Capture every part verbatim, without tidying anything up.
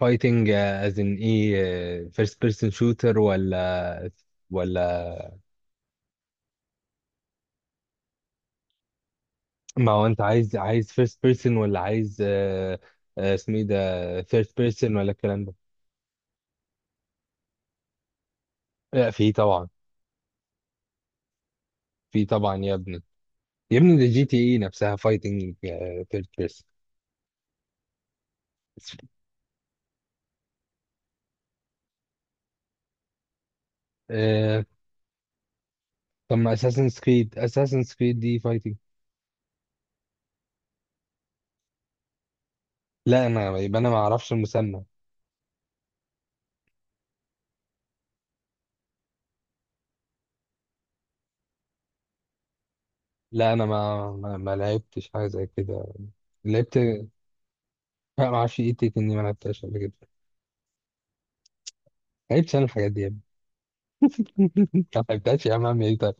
فايتنج از ان ايه فيرست بيرسون شوتر ولا ولا ما هو انت عايز عايز فيرست بيرسون ولا عايز آه، آه، اسمه ايه ده، ثيرد بيرسون ولا الكلام ده؟ لا، في طبعا. في طبعا يا ابني. يا ابني ده جي تي اي نفسها فايتنج ثيرد بيرسون. طب ما اساسن كريد اساسن كريد دي فايتنج. لا انا يبقى انا ما اعرفش المسمى. لا انا ما ما, ما لعبتش حاجه زي كده. لعبت لا، ما اعرفش ايه تيك اني، ما لعبتهاش قبل كده. لعبتش انا الحاجات دي يا ابني. كملتهاش يا عم، اعمل ايه طيب؟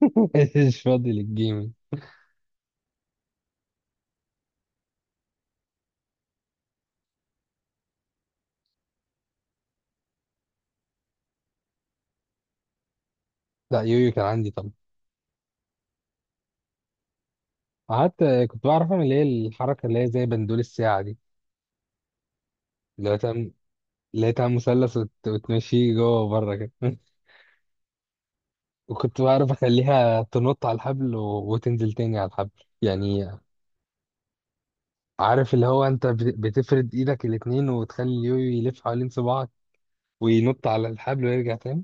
مش فاضي للجيمنج. لا، يويو كان عندي طبعا. قعدت كنت بعرف اعمل اللي هي الحركه، اللي هي زي بندول الساعه دي. اللي هو تعمل اللي هي تعمل مثلث وت... وتمشيه جوه وبره كده. وكنت بعرف اخليها تنط على الحبل و... وتنزل تاني على الحبل يعني. عارف اللي هو انت بت... بتفرد ايدك الاتنين وتخلي اليويو يلف حوالين صباعك وينط على الحبل ويرجع تاني.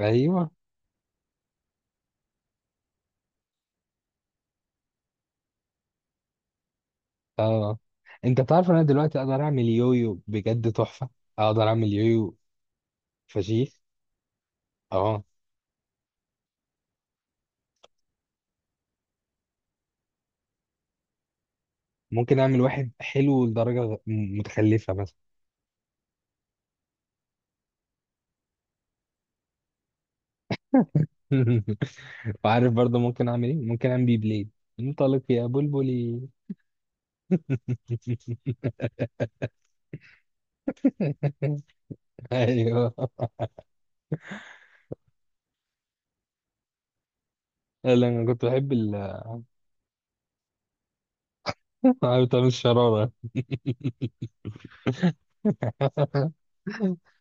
ايوه. اه. انت تعرف انا دلوقتي اقدر اعمل يويو بجد تحفه. اقدر اعمل يويو فشيخ. اه. ممكن اعمل واحد حلو لدرجه غ- م- متخلفه مثلا. وعارف برضه ممكن اعمل ايه؟ ممكن اعمل بي بليد. انطلق يا بلبلي. ايوه. لا انا كنت بحب ال عارف تعمل الشراره،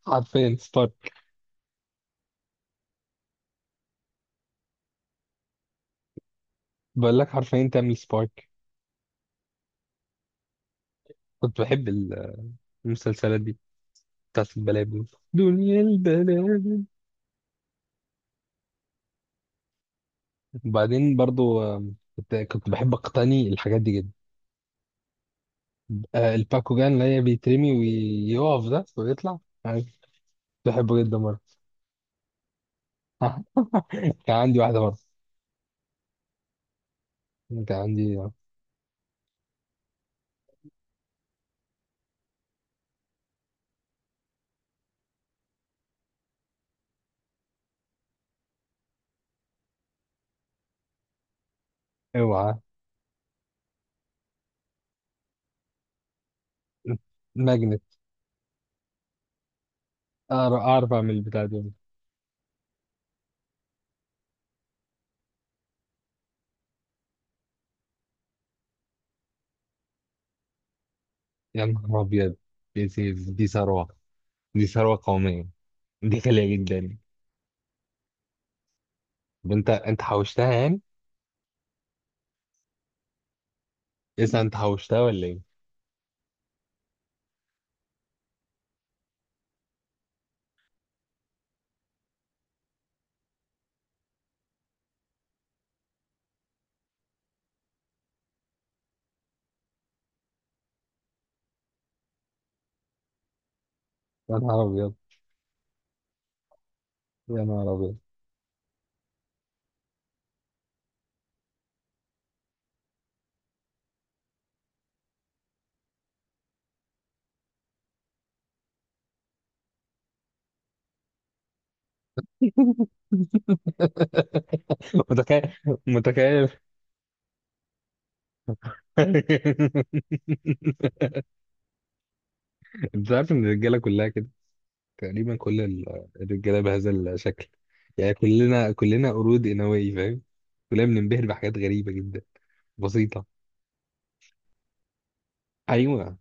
حرفيا سبارك. بقول لك حرفيا تعمل سبارك. كنت بحب ال- المسلسلات دي بتاعت البلابل. دنيا البلابل. وبعدين برضه آم، كنت كنت بحب اقتني الحاجات دي جدا. آه، الباكوجان اللي هي بيترمي ويقف ده ويطلع. آه، كنت بحبه جدا برضه. كان عندي واحدة برضه. كان عندي اوعى، ماجنت. اعرف أعرف اعمل البتاع دي. يا نهار ابيض، دي دي دي ثروة. دي ثروة قومية. دي غالية جدا. طب انت انت حوشتها يعني؟ اذا انت حوشتها ولا ايه؟ يا نهار ابيض. يا نهار ابيض. متخيل، متخيل. انت عارف ان الرجاله كلها كده تقريبا. كل ال- الرجاله بهذا الشكل يعني. كلنا كلنا قرود انوي فاهم. كلنا بننبهر بحاجات غريبه جدا بسيطه. ايوه.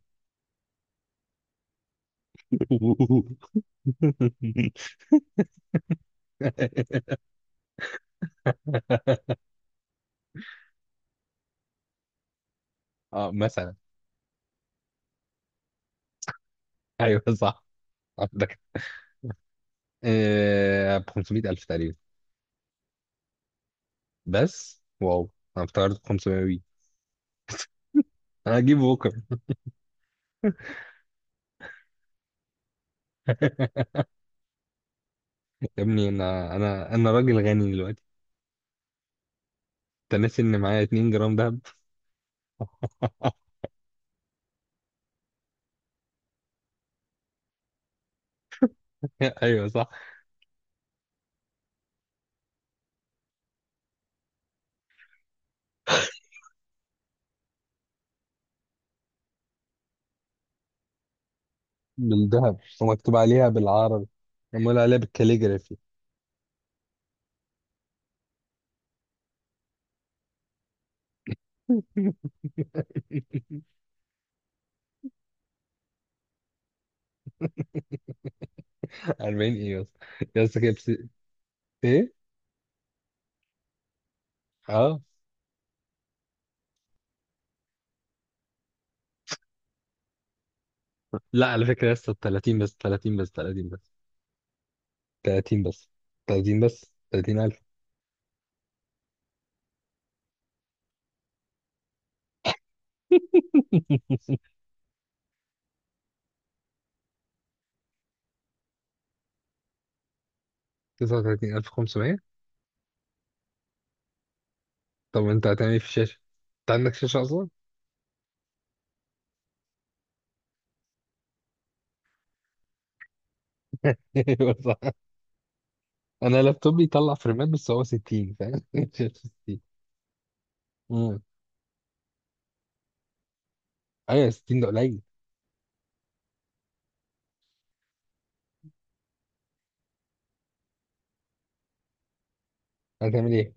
اه، مثلا. ايوه صح. عندك آه، ب خمسمية الف تقريبا. بس واو، انا افتكرت خمسمية وي. انا هجيبه بكره. يا ابني، انا انا انا راجل غني دلوقتي. انت ناسي ان معايا اتنين جرام دهب. ايوه صح، بالذهب ومكتوب عليها بالعربي. معمول عليها بالكاليجرافي. اربعين ايه؟ يا اسطى، يا اسطى كده. بس- ايه؟ اه لا، على فكره يا اسطى، تلاتين بس، تلاتين بس، تلاتين بس، تلاتين بس، تلاتين بس، تلاتين. تسعة وتلاتين الف وخمسمية. طب انت هتعمل ايه في الشاشة؟ انت عندك شاشة اصلا؟ ايوه صح. انا لابتوب بيطلع فريمات بس هو ستين فاهم؟ شاشة ستين. امم، ايوه ستين ده قليل. هتعمل ايه؟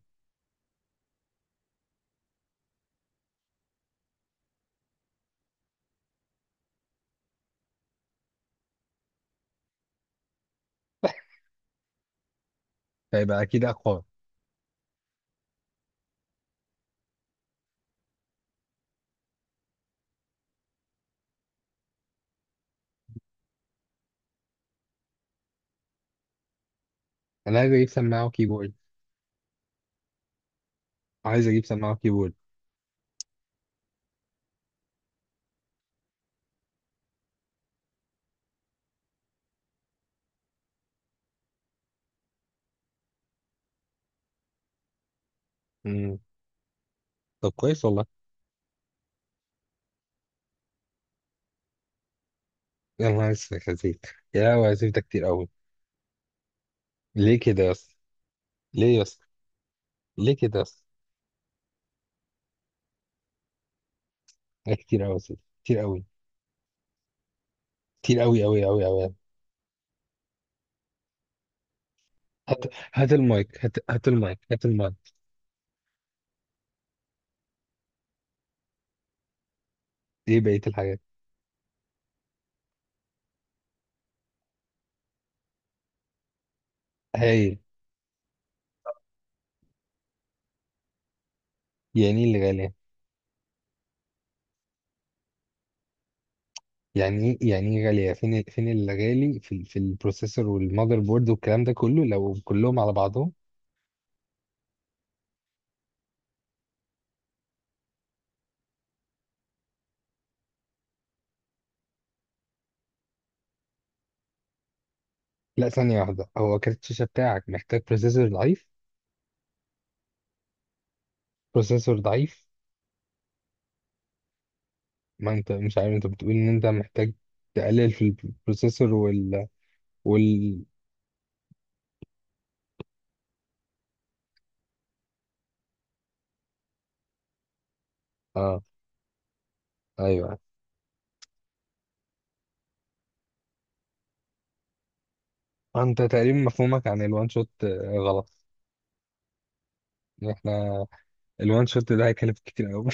هيبقى اكيد اقوى. انا عايز اجيب سماعة وكيبورد. عايز اجيب سماعة وكيبورد. امم، طب كويس والله. يا نهار اسود يا سيف. يا هو يا سيف، ده كتير قوي. ليه كده يا اسطى؟ ليه يا اسطى؟ ليه كده يا اسطى؟ ده كتير قوي يا سيف. كتير قوي. كتير قوي قوي قوي قوي. هات، هات المايك، هات، هات المايك، هات المايك. ايه بقية الحاجات؟ هاي. يعني ايه اللي غالية؟ يعني ايه؟ يعني ايه غالية؟ فين ال- فين اللي غالي في ال- في البروسيسور والمذر بورد والكلام ده كله لو كلهم على بعضهم. لا، ثانية واحدة، هو كارت الشاشة بتاعك محتاج بروسيسور ضعيف؟ بروسيسور ضعيف. ما انت مش عارف، انت بتقول ان انت محتاج تقلل في البروسيسور وال وال اه. ايوه، انت تقريبا مفهومك عن الوان شوت آه، غلط. احنا الوان شوت ده هيكلف كتير قوي.